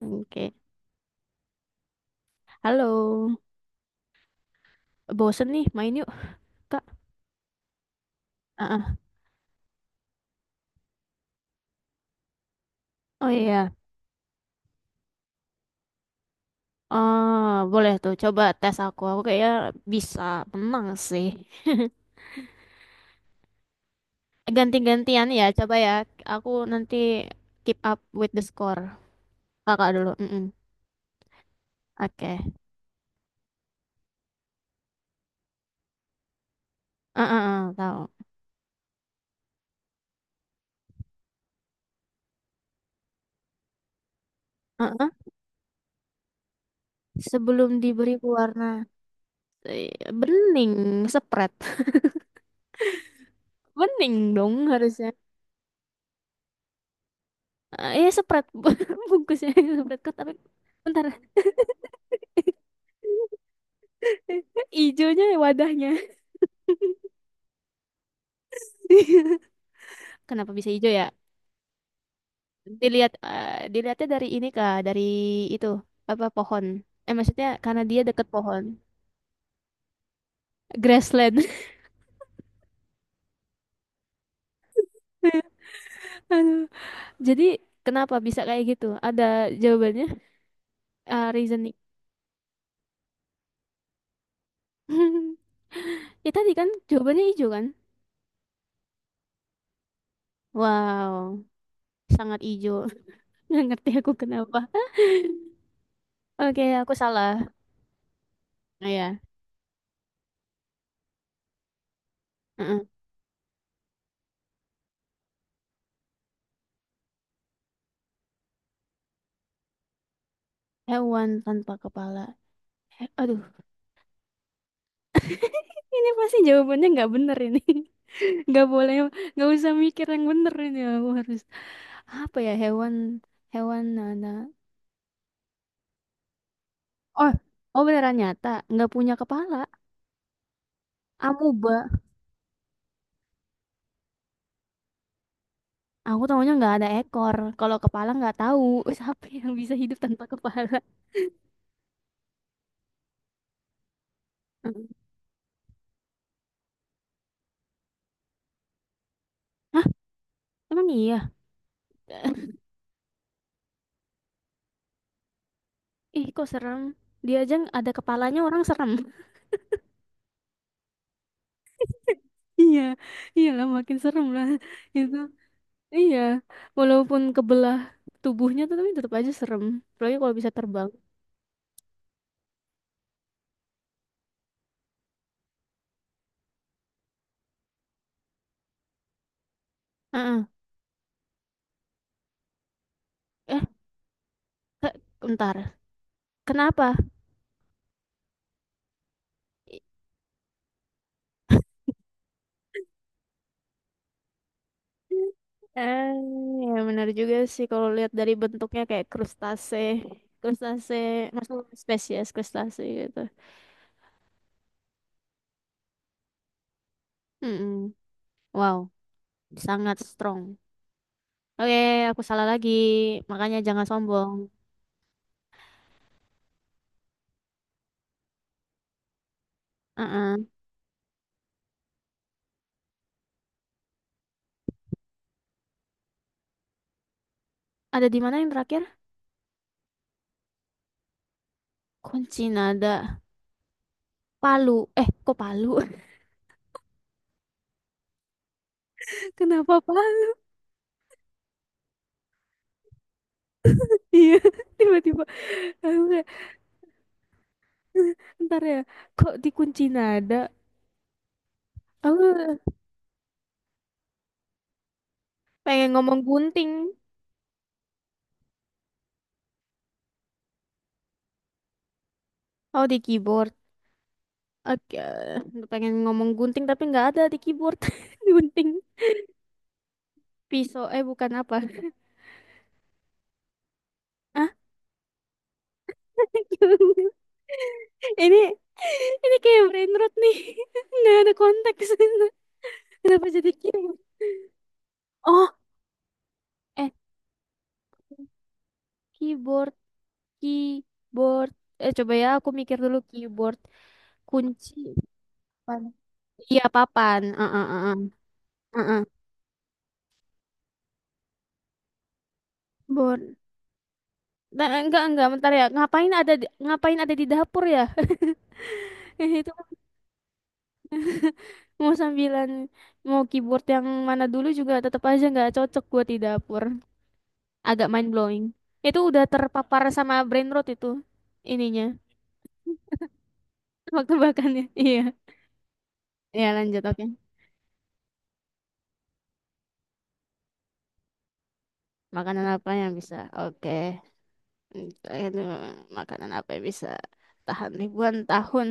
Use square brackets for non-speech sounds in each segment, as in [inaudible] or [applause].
Oke. Halo. Bosen nih, main yuk, Kak. Ah, ah. Oh iya. Oh, boleh tuh. Coba tes aku. Aku kayaknya bisa menang sih. [laughs] Ganti-gantian ya. Coba ya. Aku nanti keep up with the score. Kakak dulu. Mm-mm. Oke. Ah, ah, tahu. Ah, ah. Sebelum diberi warna eh, bening, spread. [laughs] Bening dong harusnya. Iya, spread. [laughs] Bungkusnya [laughs] spread. Kok, tapi bentar. [laughs] Ijonya ya wadahnya. [laughs] Kenapa bisa hijau ya? Dilihat dilihatnya dari ini Kak, dari itu apa pohon. Eh maksudnya karena dia deket pohon. Grassland. [laughs] Aduh. Jadi kenapa bisa kayak gitu? Ada jawabannya? Ah, reasoning. [laughs] Ya tadi kan jawabannya hijau kan? Wow, sangat hijau. [laughs] Nggak ngerti aku kenapa. [laughs] Oke, aku salah. Oh, ya. Heeh. Hewan tanpa kepala. He- Aduh, [laughs] ini pasti jawabannya nggak bener ini. [laughs] Nggak boleh, nggak usah mikir yang bener ini. Aku harus apa ya hewan hewan nana. Oh, oh beneran nyata, nggak punya kepala. Amuba. Aku tahunya nggak ada ekor. Kalau kepala nggak tahu. [laughs] Siapa yang bisa hidup tanpa kepala? Mm. Hah? Emang iya? [laughs] Ih, kok serem. Dia aja ada kepalanya orang serem. [laughs] Iya, iyalah makin serem lah itu. Iya, walaupun kebelah tubuhnya tuh tapi tetap aja serem. Apalagi kalau bisa terbang. Heeh. Eh, ke- bentar. Kenapa? I- Eh, ya benar juga sih kalau lihat dari bentuknya kayak krustase. Krustase, maksudnya spesies krustase gitu. Mm-mm. Wow, sangat strong. Oke, aku salah lagi. Makanya jangan sombong. Heeh. Ada di mana yang terakhir? Kunci nada. Palu. Eh, kok Palu? [laughs] Kenapa Palu? Iya, [laughs] tiba-tiba. Aku kayak, ntar ya, kok dikunci nada? Aku pengen ngomong gunting. Oh, di keyboard. Oke, pengen ngomong gunting tapi nggak ada di keyboard. [laughs] Gunting pisau, eh bukan apa. Ah, [laughs] ini ini kayak brain rot nih. [laughs] Nggak ada konteks. [laughs] Kenapa jadi keyboard? Oh, eh keyboard, keyboard. Eh coba ya, aku mikir dulu keyboard kunci. Papan. Iya papan. Heeh, heeh. Bun. Nah, enggak bentar ya. Ngapain ada di dapur ya? [laughs] Itu mau sambilan mau keyboard yang mana dulu juga tetap aja nggak cocok buat di dapur. Agak mind blowing. Itu udah terpapar sama brain rot itu ininya. Tebak-tebakannya. [laughs] Iya. Ya lanjut oke. Makanan apa yang bisa? Oke. Hmm, itu makanan apa yang bisa tahan ribuan tahun?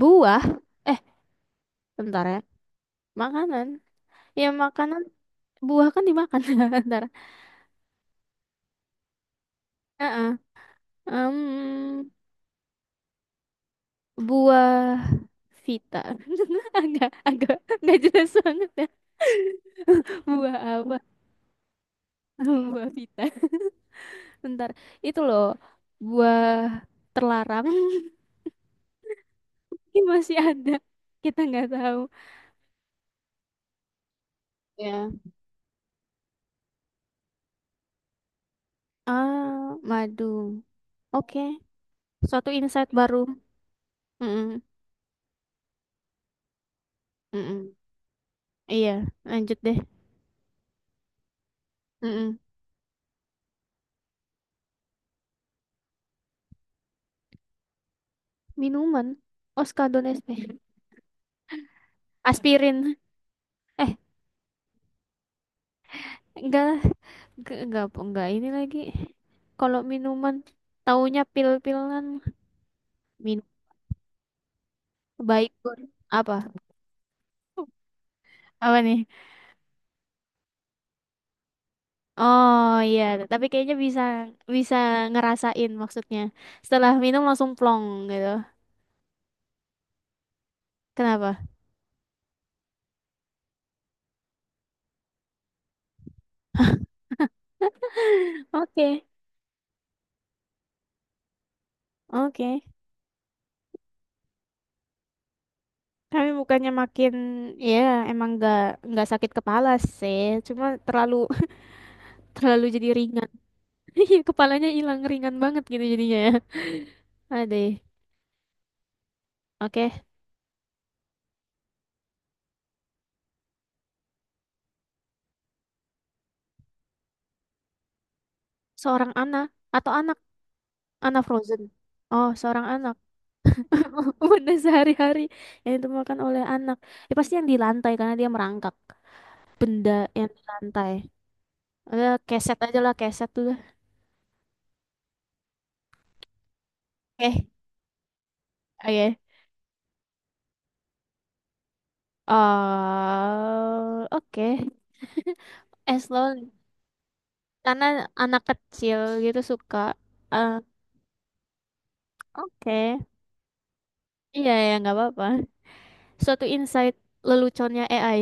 Buah. Eh, bentar ya. Makanan. Ya makanan buah kan dimakan. [laughs] Bentar. Heeh. Em, buah Vita. [laughs] Agak agak nggak jelas banget ya. [laughs] Buah apa? [laughs] Buah Vita. [laughs] Bentar. Itu loh buah terlarang. [laughs] Ini masih ada. Kita nggak tahu. Ya. Ah, madu. Oke. Suatu insight baru. Mm-mm. Mm-mm. Iya, lanjut deh. Mm-mm. Minuman. Oskadon SP. [laughs] Aspirin. Eh, enggak. Enggak ini lagi. Kalau minuman, taunya pil-pilan. Minum baik goreng. Apa? Apa nih? Oh iya, tapi kayaknya bisa bisa ngerasain maksudnya. Setelah minum langsung plong gitu. Kenapa? [laughs] Oke, oke. Kami bukannya makin ya emang nggak sakit kepala sih, cuma terlalu [laughs] terlalu jadi ringan. [laughs] Iya, kepalanya hilang ringan banget gitu jadinya ya. [laughs] Aduh. Oke. Seorang anak atau anak anak Frozen. Oh, seorang anak. [laughs] Benda sehari-hari yang ditemukan oleh anak. Ya, pasti yang di lantai karena dia merangkak benda yang di lantai. Ada keset aja lah, keset tuh. Oke, oke. Eh, oke. [laughs] Es loli. Karena anak kecil gitu suka. Eh, oke. Iya ya, nggak apa-apa. Suatu insight leluconnya AI.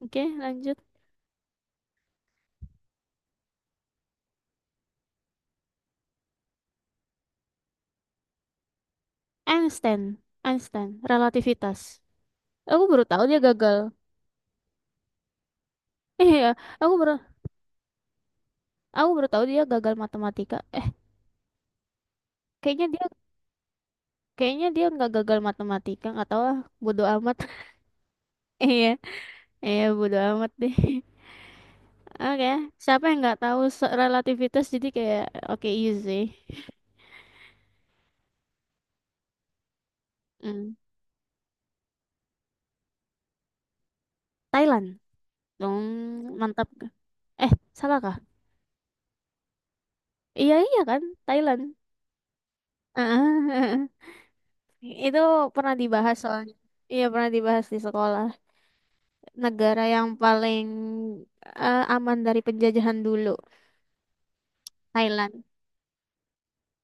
Oke, lanjut. Einstein. Einstein. Relativitas. Aku baru tahu dia gagal. [laughs] Eh ya, aku baru aku baru tahu dia gagal matematika. Eh, kayaknya dia kayaknya dia nggak gagal matematika, nggak tahu lah, bodoh amat. [laughs] Iya, iya bodoh amat deh. [laughs] Oke, siapa yang nggak tahu se- relativitas jadi kayak oke easy. Hmm. Thailand. Dong, mantap. Eh, salah kah? Iya iya kan, Thailand. [laughs] Itu pernah dibahas soalnya. Iya, pernah dibahas di sekolah. Negara yang paling eh, aman dari penjajahan dulu, Thailand.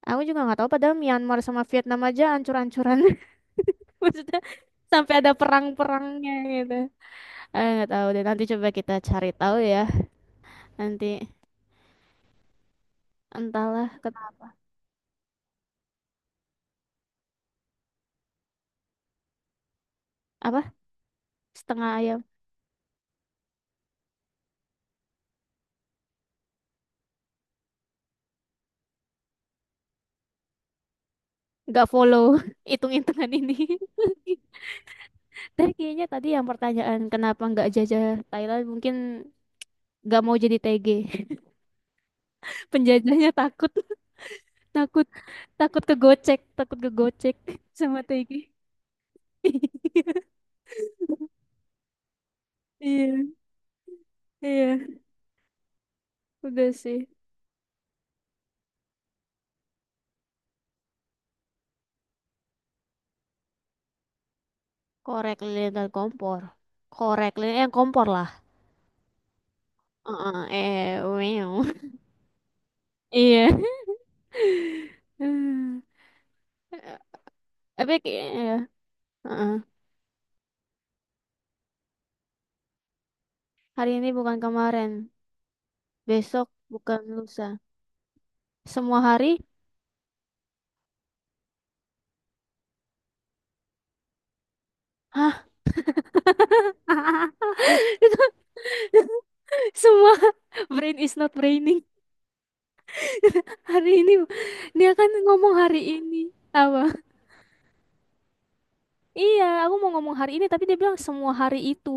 Aku juga nggak tahu padahal Myanmar sama Vietnam aja ancur-ancuran. [laughs] Maksudnya sampai ada perang-perangnya gitu. Eh nggak tahu deh nanti coba kita cari tahu ya. Nanti entahlah kenapa. Apa? Setengah ayam. Nggak follow [laughs] hitung-hitungan ini. [laughs] Tapi kayaknya tadi yang pertanyaan kenapa nggak jajah Thailand mungkin nggak mau jadi TG. [laughs] Penjajahnya takut. takut takut kegocek [laughs] sama Tegi [laughs] iya iya udah sih Korek lilin dan kompor. Korek lilin yang kompor lah. Heeh, eh, meow. [laughs] iya Hmm. Eh, tapi kayak- ya. Heeh. Hari ini bukan kemarin, besok bukan lusa. Semua hari? Hah? [laughs] semua brain is not braining hari ini dia kan ngomong hari ini apa Iya, aku mau ngomong hari ini, tapi dia bilang semua hari itu.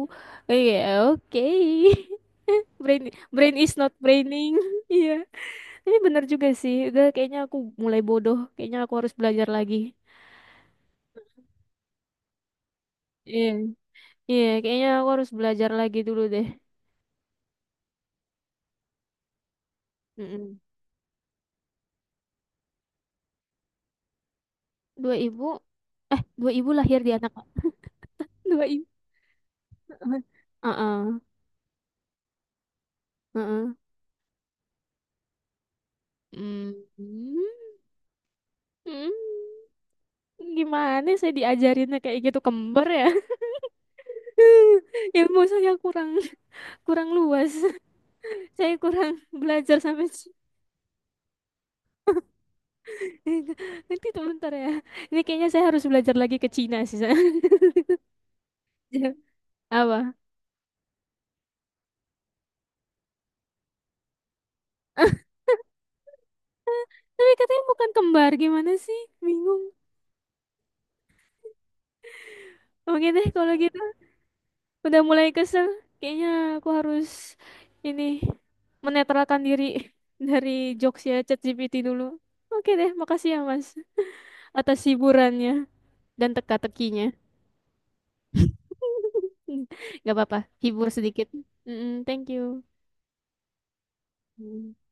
Iya, oke. [laughs] Brain, brain is not braining. [laughs] Iya. Tapi bener juga sih. Udah kayaknya aku mulai bodoh. Kayaknya aku harus belajar lagi. Iya. Iya, kayaknya aku harus belajar lagi dulu deh. Mm-mm. Dua ibu, eh dua ibu lahir di anak. Dua ibu. [laughs] Heeh. Heeh. Mm. Mm. Gimana saya diajarinnya kayak gitu kembar ya? [laughs] Ilmu saya kurang kurang luas. [laughs] Saya kurang belajar sampai C- [laughs] nanti tuh bentar ya. Ini kayaknya saya harus belajar lagi ke Cina sih saya. [laughs] Ya, apa? [laughs] Tapi katanya bukan kembar, gimana sih? Bingung. Oke deh kalau gitu. Udah mulai kesel. Kayaknya aku harus ini menetralkan diri [laughs] dari jokes ya ChatGPT dulu. Oke deh, makasih ya Mas [laughs] atas hiburannya dan teka-tekinya. [laughs] Gak apa-apa, hibur sedikit. Mm-mm, thank you. Mm.